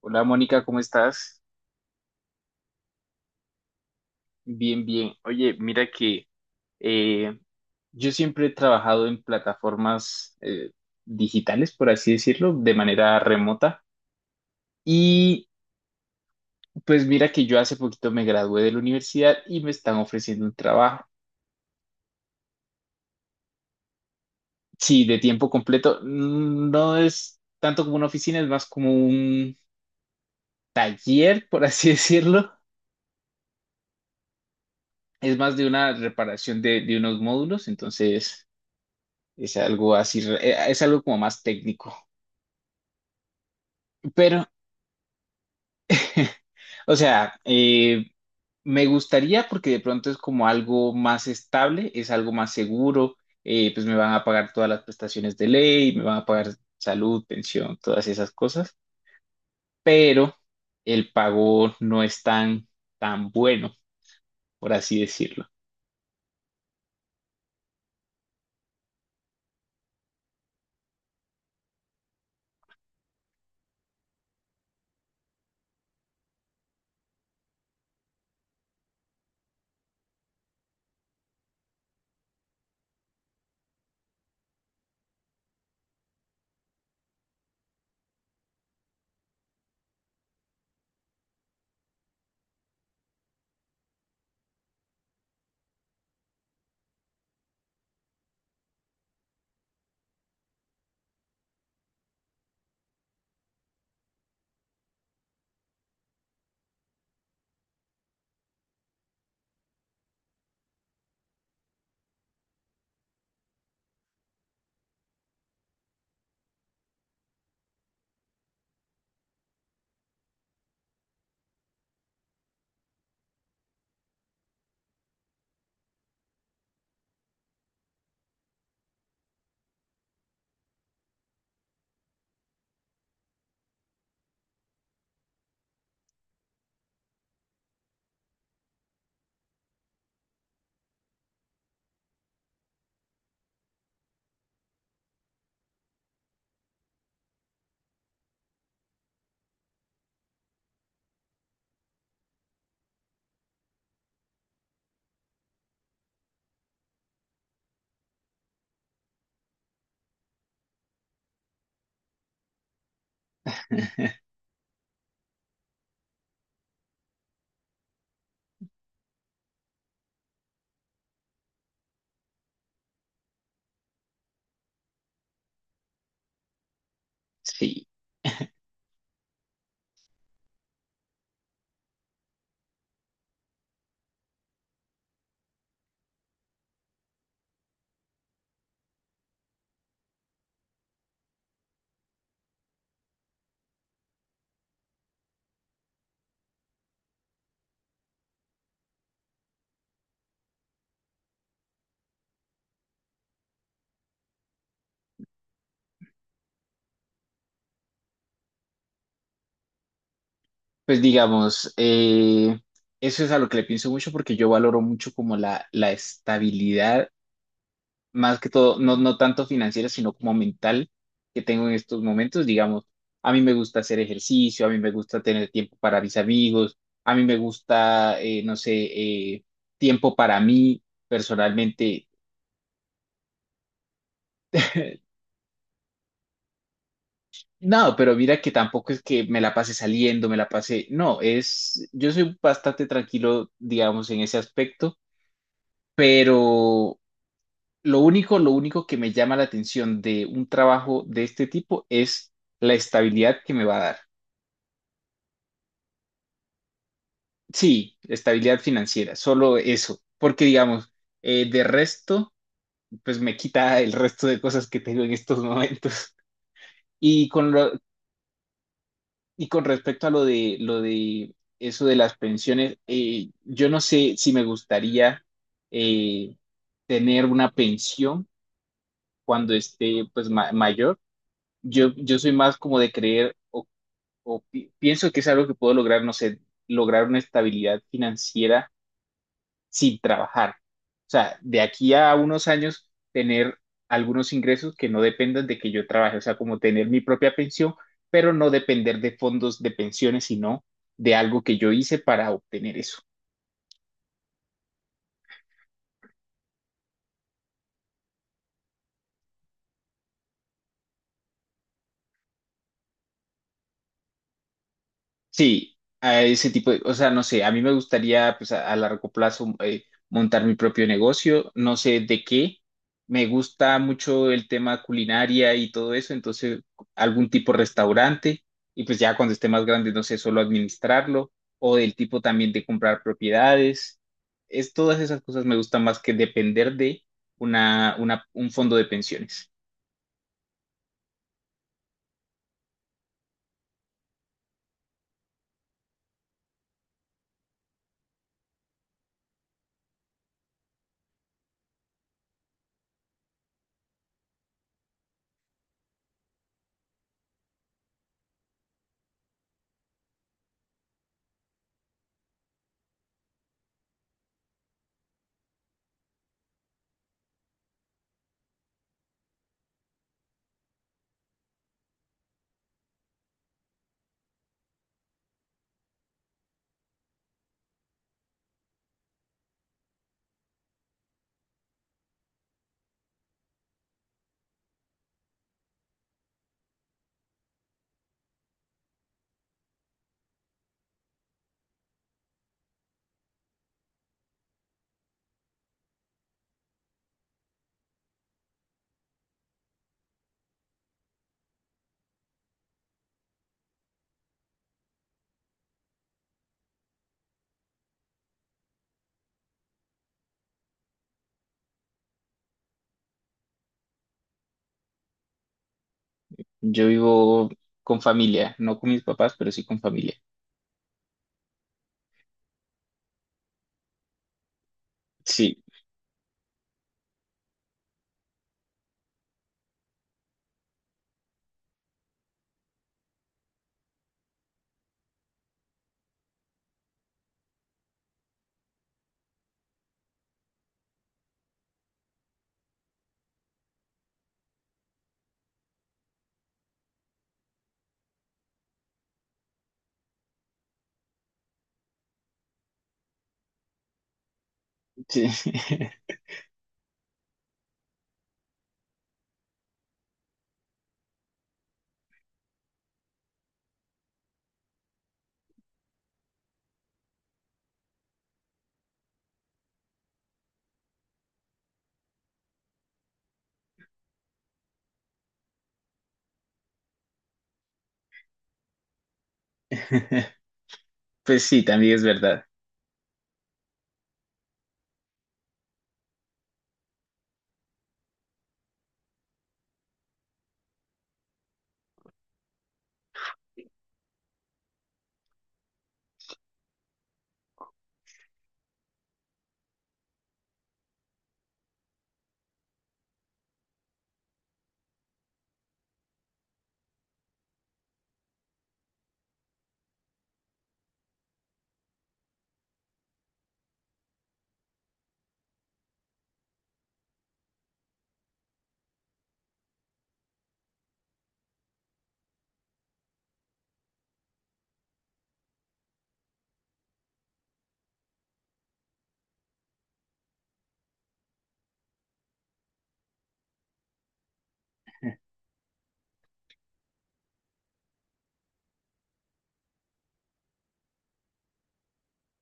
Hola Mónica, ¿cómo estás? Bien, bien. Oye, mira que eh, yo siempre he trabajado en plataformas digitales, por así decirlo, de manera remota. Y pues mira que yo hace poquito me gradué de la universidad y me están ofreciendo un trabajo. Sí, de tiempo completo. No es tanto como una oficina, es más como un taller, por así decirlo. Es más de una reparación de unos módulos, entonces es algo así, es algo como más técnico. Pero, o sea, me gustaría porque de pronto es como algo más estable, es algo más seguro, pues me van a pagar todas las prestaciones de ley, me van a pagar salud, pensión, todas esas cosas, pero el pago no es tan, tan bueno, por así decirlo. Sí, pues digamos, eso es a lo que le pienso mucho porque yo valoro mucho como la estabilidad más que todo, no, no tanto financiera, sino como mental que tengo en estos momentos. Digamos, a mí me gusta hacer ejercicio, a mí me gusta tener tiempo para mis amigos, a mí me gusta, no sé, tiempo para mí personalmente. No, pero mira que tampoco es que me la pase saliendo, me la pase, no, es, yo soy bastante tranquilo, digamos, en ese aspecto, pero lo único que me llama la atención de un trabajo de este tipo es la estabilidad que me va a dar. Sí, estabilidad financiera, solo eso, porque digamos, de resto, pues me quita el resto de cosas que tengo en estos momentos. Y con lo, y con respecto a lo de eso de las pensiones, yo no sé si me gustaría eh, tener una pensión cuando esté pues mayor. Yo soy más como de creer o pienso que es algo que puedo lograr, no sé, lograr una estabilidad financiera sin trabajar. O sea, de aquí a unos años, tener algunos ingresos que no dependan de que yo trabaje, o sea, como tener mi propia pensión, pero no depender de fondos de pensiones, sino de algo que yo hice para obtener eso. Sí, a ese tipo de, o sea, no sé, a mí me gustaría pues a largo plazo montar mi propio negocio, no sé de qué. Me gusta mucho el tema culinaria y todo eso, entonces algún tipo de restaurante y pues ya cuando esté más grande, no sé, solo administrarlo o del tipo también de comprar propiedades. Es todas esas cosas me gustan más que depender de un fondo de pensiones. Yo vivo con familia, no con mis papás, pero sí con familia. Sí, sí. Pues sí, también es verdad.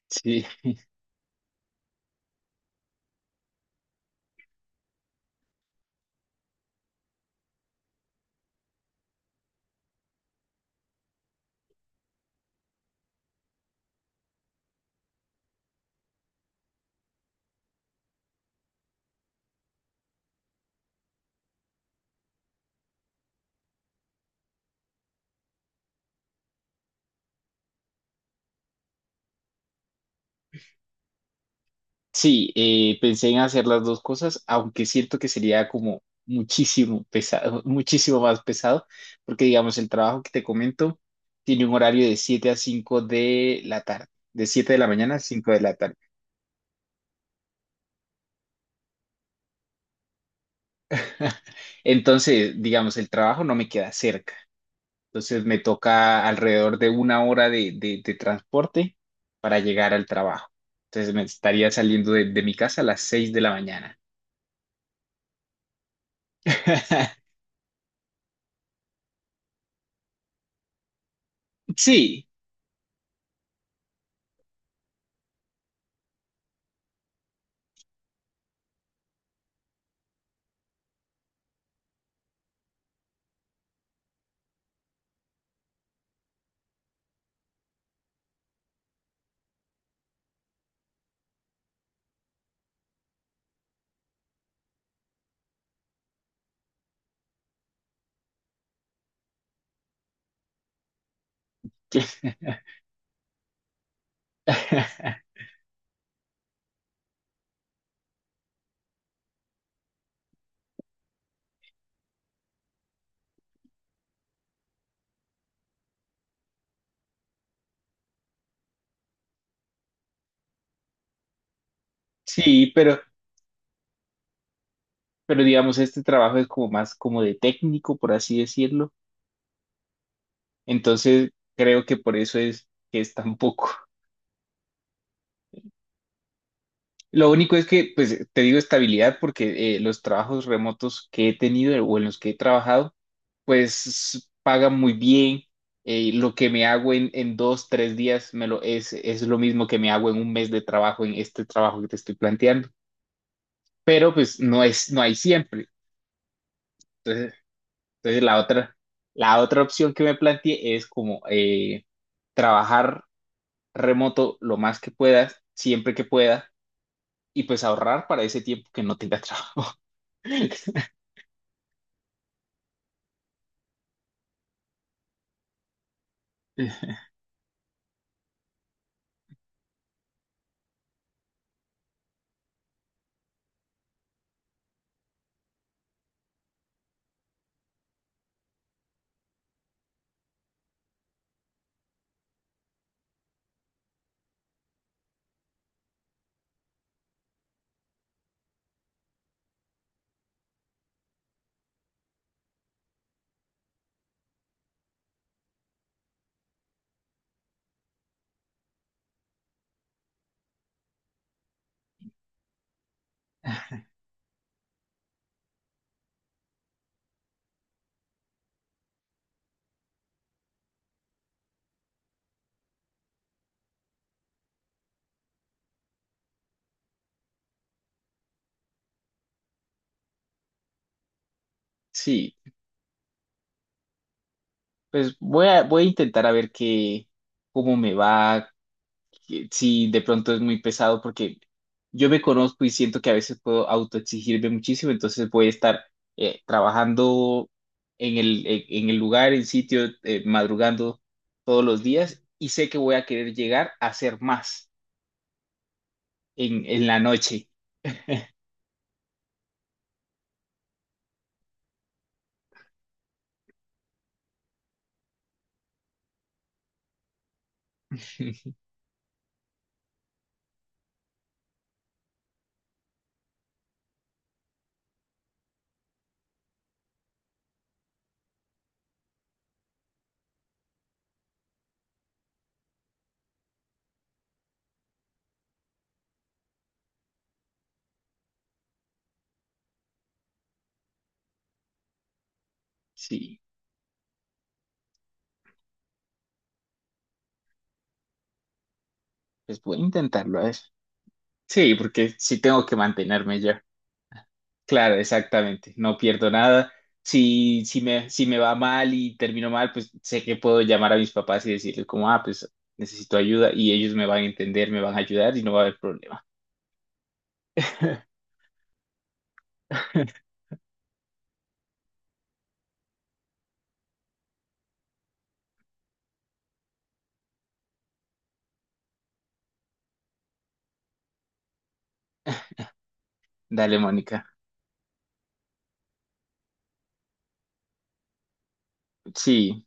Sí, sí, pensé en hacer las dos cosas, aunque siento que sería como muchísimo pesado, muchísimo más pesado, porque digamos, el trabajo que te comento tiene un horario de 7 a 5 de la tarde, de 7 de la mañana a 5 de la tarde. Entonces, digamos, el trabajo no me queda cerca. Entonces me toca alrededor de una hora de transporte para llegar al trabajo. Entonces me estaría saliendo de mi casa a las 6 de la mañana. Sí, sí, pero digamos, este trabajo es como más como de técnico, por así decirlo. Entonces, creo que por eso es que es tan poco. Lo único es que, pues, te digo estabilidad porque los trabajos remotos que he tenido o en los que he trabajado, pues, pagan muy bien. Lo que me hago en dos, tres días es lo mismo que me hago en un mes de trabajo en este trabajo que te estoy planteando. Pero, pues, no hay siempre. Entonces, entonces la otra opción que me planteé es como trabajar remoto lo más que puedas, siempre que puedas, y pues ahorrar para ese tiempo que no tenga trabajo. Sí, pues voy a intentar a ver qué, cómo me va, si de pronto es muy pesado porque yo me conozco y siento que a veces puedo autoexigirme muchísimo, entonces voy a estar trabajando en el lugar, en sitio, madrugando todos los días y sé que voy a querer llegar a hacer más en la noche. Sí, pues voy a intentarlo, a ver. Sí, porque sí tengo que mantenerme yo. Claro, exactamente, no pierdo nada. Si me va mal y termino mal, pues sé que puedo llamar a mis papás y decirles como, ah, pues necesito ayuda y ellos me van a entender, me van a ayudar y no va a haber problema. Dale, Mónica. Sí,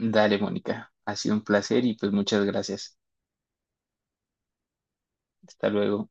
dale, Mónica. Ha sido un placer y pues muchas gracias. Hasta luego.